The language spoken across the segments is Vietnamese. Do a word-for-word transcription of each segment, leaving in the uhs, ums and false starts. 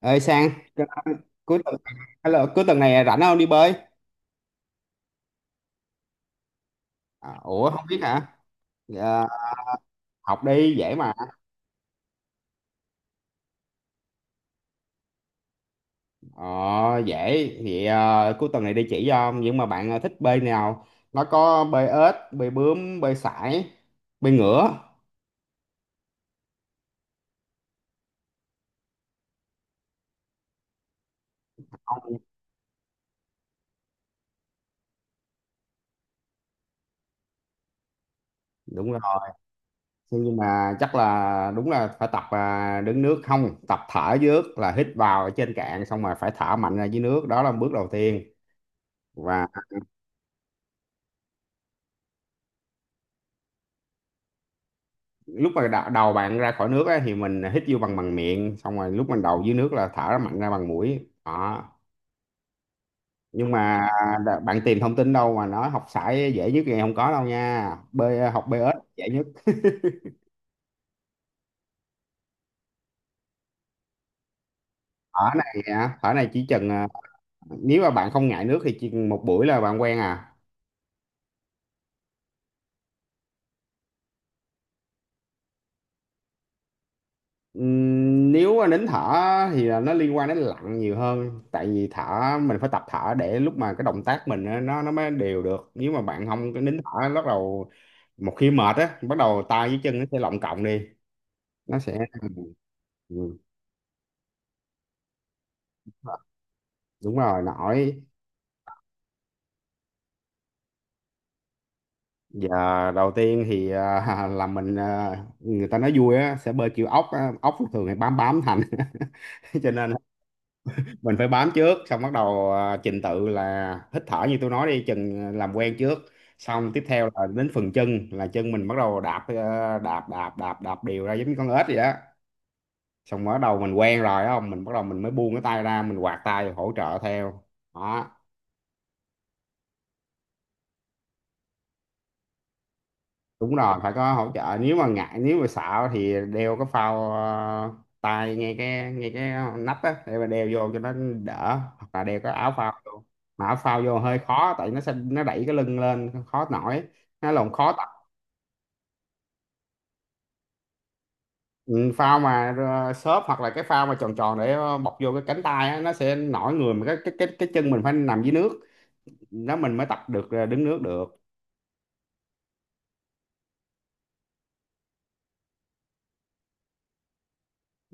Ơi sang cái- cuối tuần, hello, cuối tuần này rảnh không đi bơi? À, ủa không biết hả? Dạ, học đi dễ mà. ờ, Dễ thì ờ, cuối tuần này đi chỉ cho, nhưng mà bạn ờ, thích bơi nào? Nó có bơi ếch, bơi bướm, bơi sải, bơi ngửa. Không, đúng rồi, nhưng mà chắc là đúng là phải tập, à, đứng nước không, tập thở dưới nước là hít vào ở trên cạn xong rồi phải thở mạnh ra dưới nước, đó là bước đầu tiên. Và lúc mà đ- đầu bạn ra khỏi nước á, thì mình hít vô bằng bằng miệng, xong rồi lúc mình đầu dưới nước là thở mạnh ra bằng mũi đó. Nhưng mà đ- bạn tìm thông tin đâu mà nói học sải dễ nhất thì không có đâu nha, bơi học bơi ếch dễ nhất. Thở này á, thở này chỉ chừng, à, nếu mà bạn không ngại nước thì chỉ một buổi là bạn quen à. Ừm, nếu mà đến thở thì là nó liên quan đến lặn nhiều hơn, tại vì thở mình phải tập thở để lúc mà cái động tác mình á, nó nó mới đều được, nếu mà bạn không có nín thở, bắt đầu một khi mệt á bắt đầu tay với chân nó sẽ lọng cộng đi, nó sẽ ừ. Đúng rồi, nổi. Giờ đầu tiên thì à, là mình, à, người ta nói vui á sẽ bơi kiểu ốc á. Ốc thường thì bám bám thành cho nên mình phải bám trước, xong bắt đầu, à, trình tự là hít thở như tôi nói, đi chừng ờ, làm quen trước. Xong tiếp theo là đến phần chân, là chân mình bắt đầu đạp, ờ, đạp đạp đạp đạp đều ra giống như con ếch vậy đó. Xong bắt đầu mình quen rồi á, không mình bắt đầu mình mới buông cái tay ra, mình quạt tay hỗ trợ theo đó. Đúng rồi, phải có hỗ trợ, nếu mà ngại, nếu mà sợ thì đeo cái phao, ờ, tay, ngay cái ngay cái nách á, để mà đeo vô cho nó đỡ, hoặc là đeo cái áo phao vô. Mà áo phao vô hơi khó, tại nó sẽ nó đẩy cái lưng lên khó nổi, nó lộn khó tập. Ừ, phao mà ờ, xốp, hoặc là cái phao mà tròn tròn, để ờ, bọc vô cái cánh tay á, nó sẽ nổi người, mà cái cái cái cái chân mình phải nằm dưới nước, đó mình mới tập được, ờ, đứng nước được.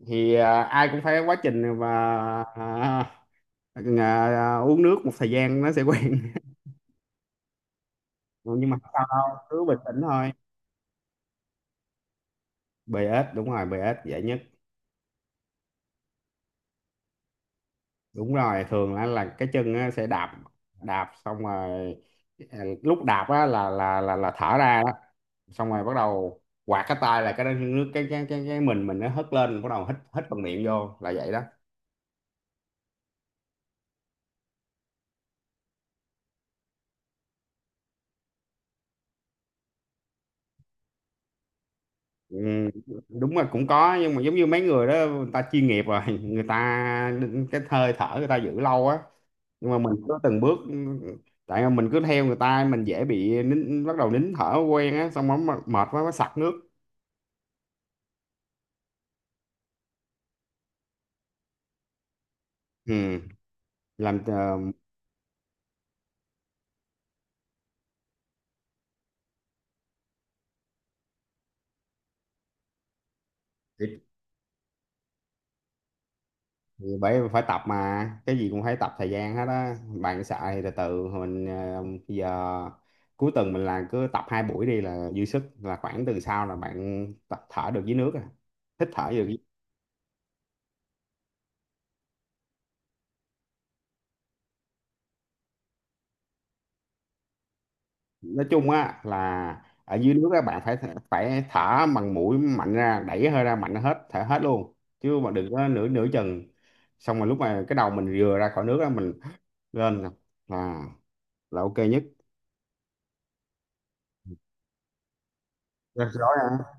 Thì ờ, ai cũng phải quá trình, và ờ, ờ, uống nước một thời gian nó sẽ quen. Ừ, nhưng mà không sao đâu, cứ bình tĩnh thôi. Bê ếch đúng rồi, bê ếch dễ nhất. Đúng rồi, thường là, là cái chân á, sẽ đạp, đạp xong rồi, à, lúc đạp á, là là là là thở ra đó. Xong rồi bắt đầu quạt cái tay, là cái nước cái cái cái, cái mình mình nó hất lên, bắt đầu hít hít bằng miệng vô là vậy đó. Ừ, đúng là cũng có, nhưng mà giống như mấy người đó người ta chuyên nghiệp rồi, người ta cái hơi thở người ta giữ lâu á, nhưng mà mình cứ từng bước. Tại mà mình cứ theo người ta mình dễ bị nín, bắt đầu nín thở quen á, xong rồi mệt quá mới sặc nước. Ừ. Làm ờ, thì thì bởi phải tập mà, cái gì cũng phải tập thời gian hết á. Bạn sợ thì từ từ mình, ờ, bây giờ cuối tuần mình làm cứ tập hai buổi đi là dư sức, là khoảng tuần sau là bạn tập thở được dưới nước à, hít thở được. Nói chung á là ở dưới nước các bạn phải phải thở bằng mũi mạnh ra, đẩy hơi ra mạnh hết, thở hết luôn, chứ mà đừng có nửa nửa chừng. Xong rồi lúc mà cái đầu mình vừa ra khỏi nước á mình lên là là ok nhất. Rồi. Hả?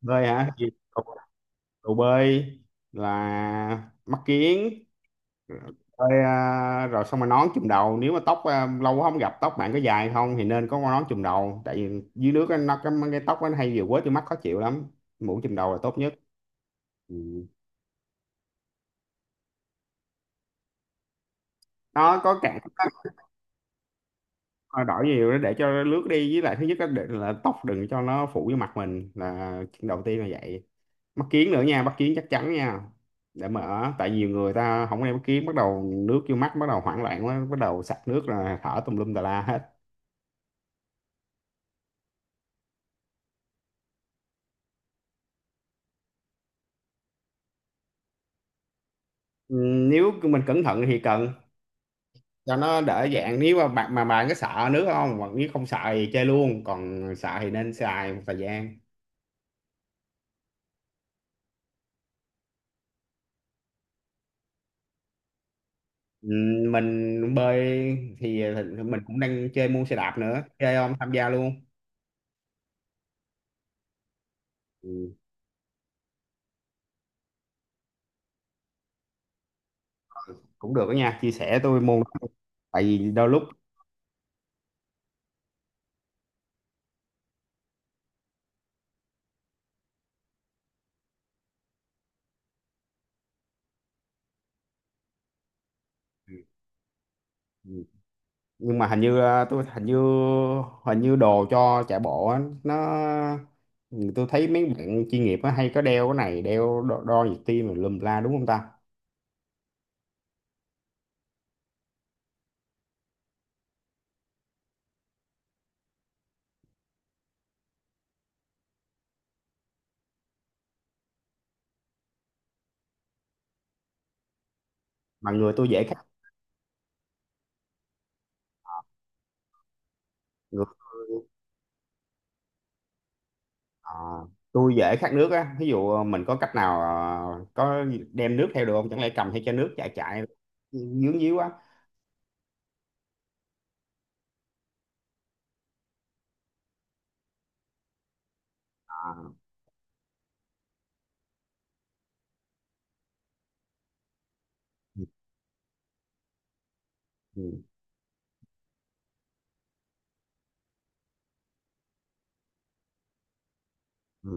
Bơi hả gì? Cầu, cầu bơi là mắt kiếng bơi, à, rồi xong rồi nón chùm đầu, nếu mà tóc, à, lâu quá không gặp, tóc bạn có dài không thì nên có con nón chùm đầu, tại vì dưới nước á, nó cái, cái tóc nó hay vừa quế từ mắt khó chịu lắm. Mũ chùm đầu là tốt nhất. Ừ. Nó có cả, nó đổi nhiều đó để cho nó lướt đi, với lại thứ nhất là, để, là tóc đừng cho nó phủ vô mặt mình là chuyện đầu tiên là vậy. Mắt kiếng nữa nha, mắt kiếng chắc chắn nha, để mở, tại nhiều người ta không đeo mắt kiếng, bắt đầu nước vô mắt, bắt đầu hoảng loạn quá, bắt đầu sặc nước là thở tùm lum tà la hết. Ừ, nếu mình cẩn thận thì cần, cho nó đỡ dạng, nếu mà bạn mà bạn có sợ nước không, hoặc nếu không sợ thì chơi luôn, còn sợ thì nên xài một thời gian. Ừm, mình bơi thì thì mình cũng đang chơi môn xe đạp nữa, chơi không tham gia luôn. Ừ, cũng được đó nha, chia sẻ tôi môn đó. Tại vì đôi lúc ừ, nhưng mà hình như, ờ, tôi hình như hình như đồ cho chạy bộ á, nó ừ, tôi thấy mấy bạn chuyên nghiệp á, hay có đeo cái này, đeo đo, đo nhịp tim rồi lùm la, đúng không ta? Mà người tôi dễ khát, người à, tôi dễ khát nước á, ví dụ ờ, mình có cách nào, ờ, có đem nước theo được không, chẳng lẽ cầm theo chai nước chạy chạy dướng díu quá. À, ừ, ừ, ừ.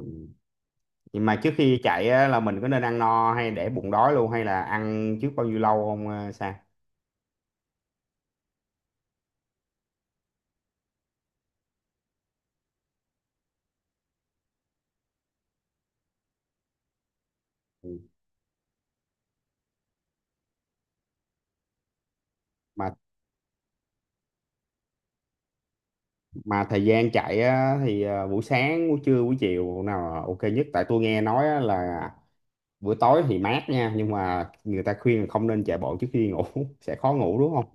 Vậy mà trước khi chạy á, là mình có nên ăn no hay để bụng đói luôn, hay là ăn trước bao nhiêu lâu không, ờ, Sa? Ừ. Mà mà thời gian chạy á, thì ờ, buổi sáng, buổi trưa, buổi chiều nào là ok nhất? Tại tôi nghe nói á, là buổi tối thì mát nha, nhưng mà người ta khuyên là không nên chạy bộ trước khi ngủ, sẽ khó ngủ đúng không?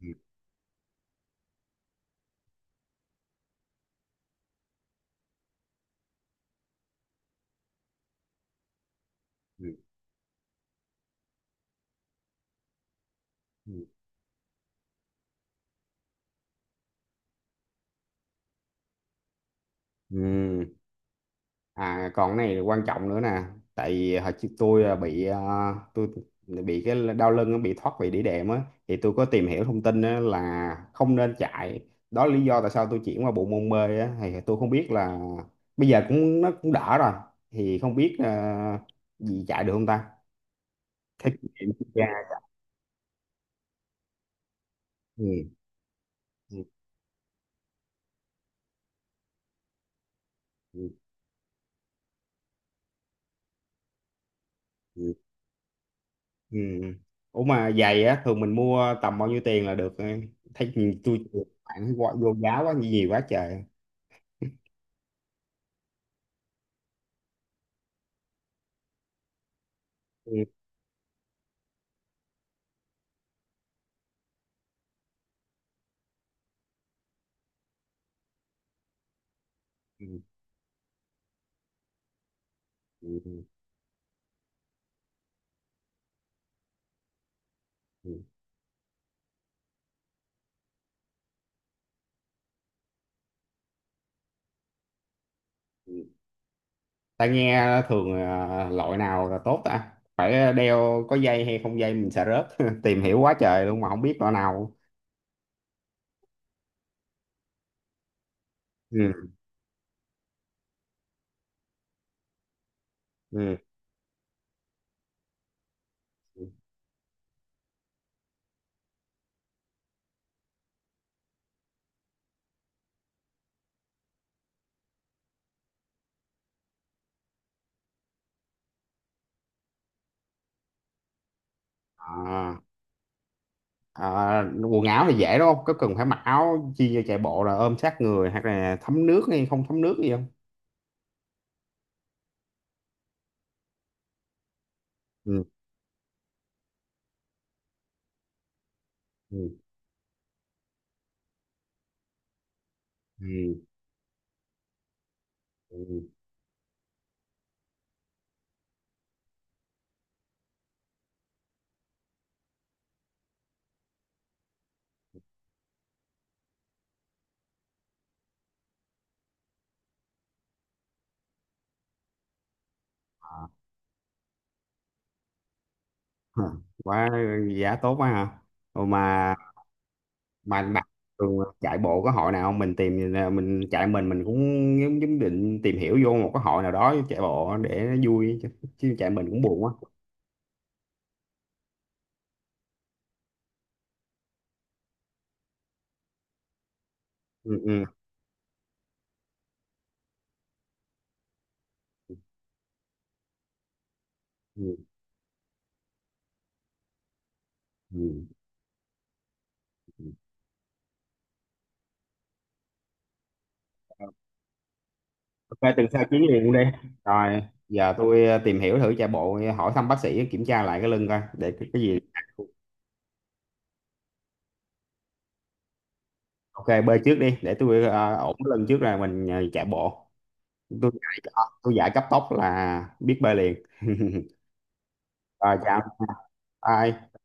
Ừ. Ừ. Ừ. Ừ. À, còn cái này quan trọng nữa nè, tại vì hồi trước tôi à, bị à, tôi bị cái đau lưng á, bị thoát vị đĩa đệm á, thì tôi có tìm hiểu thông tin á, là không nên chạy, đó là lý do tại sao tôi chuyển qua bộ môn bơi á, thì tôi không biết là bây giờ cũng nó cũng đỡ rồi, thì không biết, à, gì chạy được không ta. Thế kinh nghiệm của cha. Ừ. Ừ. Ừ. Ừ. Ừ. Ủa mà giày á thường mình mua tầm bao nhiêu tiền là được, thấy tôi bạn quá vô giá quá nhiều quá trời. Ừ. Ừ. Ừ, ừ, ừ. Tai nghe thường, à, loại nào là tốt ta, phải đeo có dây hay không dây, mình sợ rớt, tìm hiểu quá trời luôn mà không biết loại nào. Ừ. Ừ. À, à, quần áo thì dễ đúng không, có cần phải mặc áo chi cho chạy bộ là ôm sát người hoặc là thấm nước hay không thấm nước gì không? Ừ. Ừ. Ừ. Ừ. À, quá, giá tốt quá hả? Ồ mà, mà bạn thường chạy bộ có hội nào không, mình tìm, mình chạy mình mình cũng giống giống định tìm hiểu vô một cái hội nào đó chạy bộ để nó vui chứ, chứ chạy mình cũng buồn quá. Ừ, ừ, ừ, ừ. Ok tuần sau chuyến liền luôn đi. Rồi. Giờ tôi ờ, tìm hiểu thử chạy bộ, ờ, hỏi thăm bác sĩ kiểm tra lại cái lưng coi để cái, cái gì. Ok bơi trước đi, để tôi ờ, ổn cái lưng trước rồi mình ờ, chạy bộ. Tôi giải ờ, tôi giải cấp tốc là biết bơi liền. Rồi, chào, bye.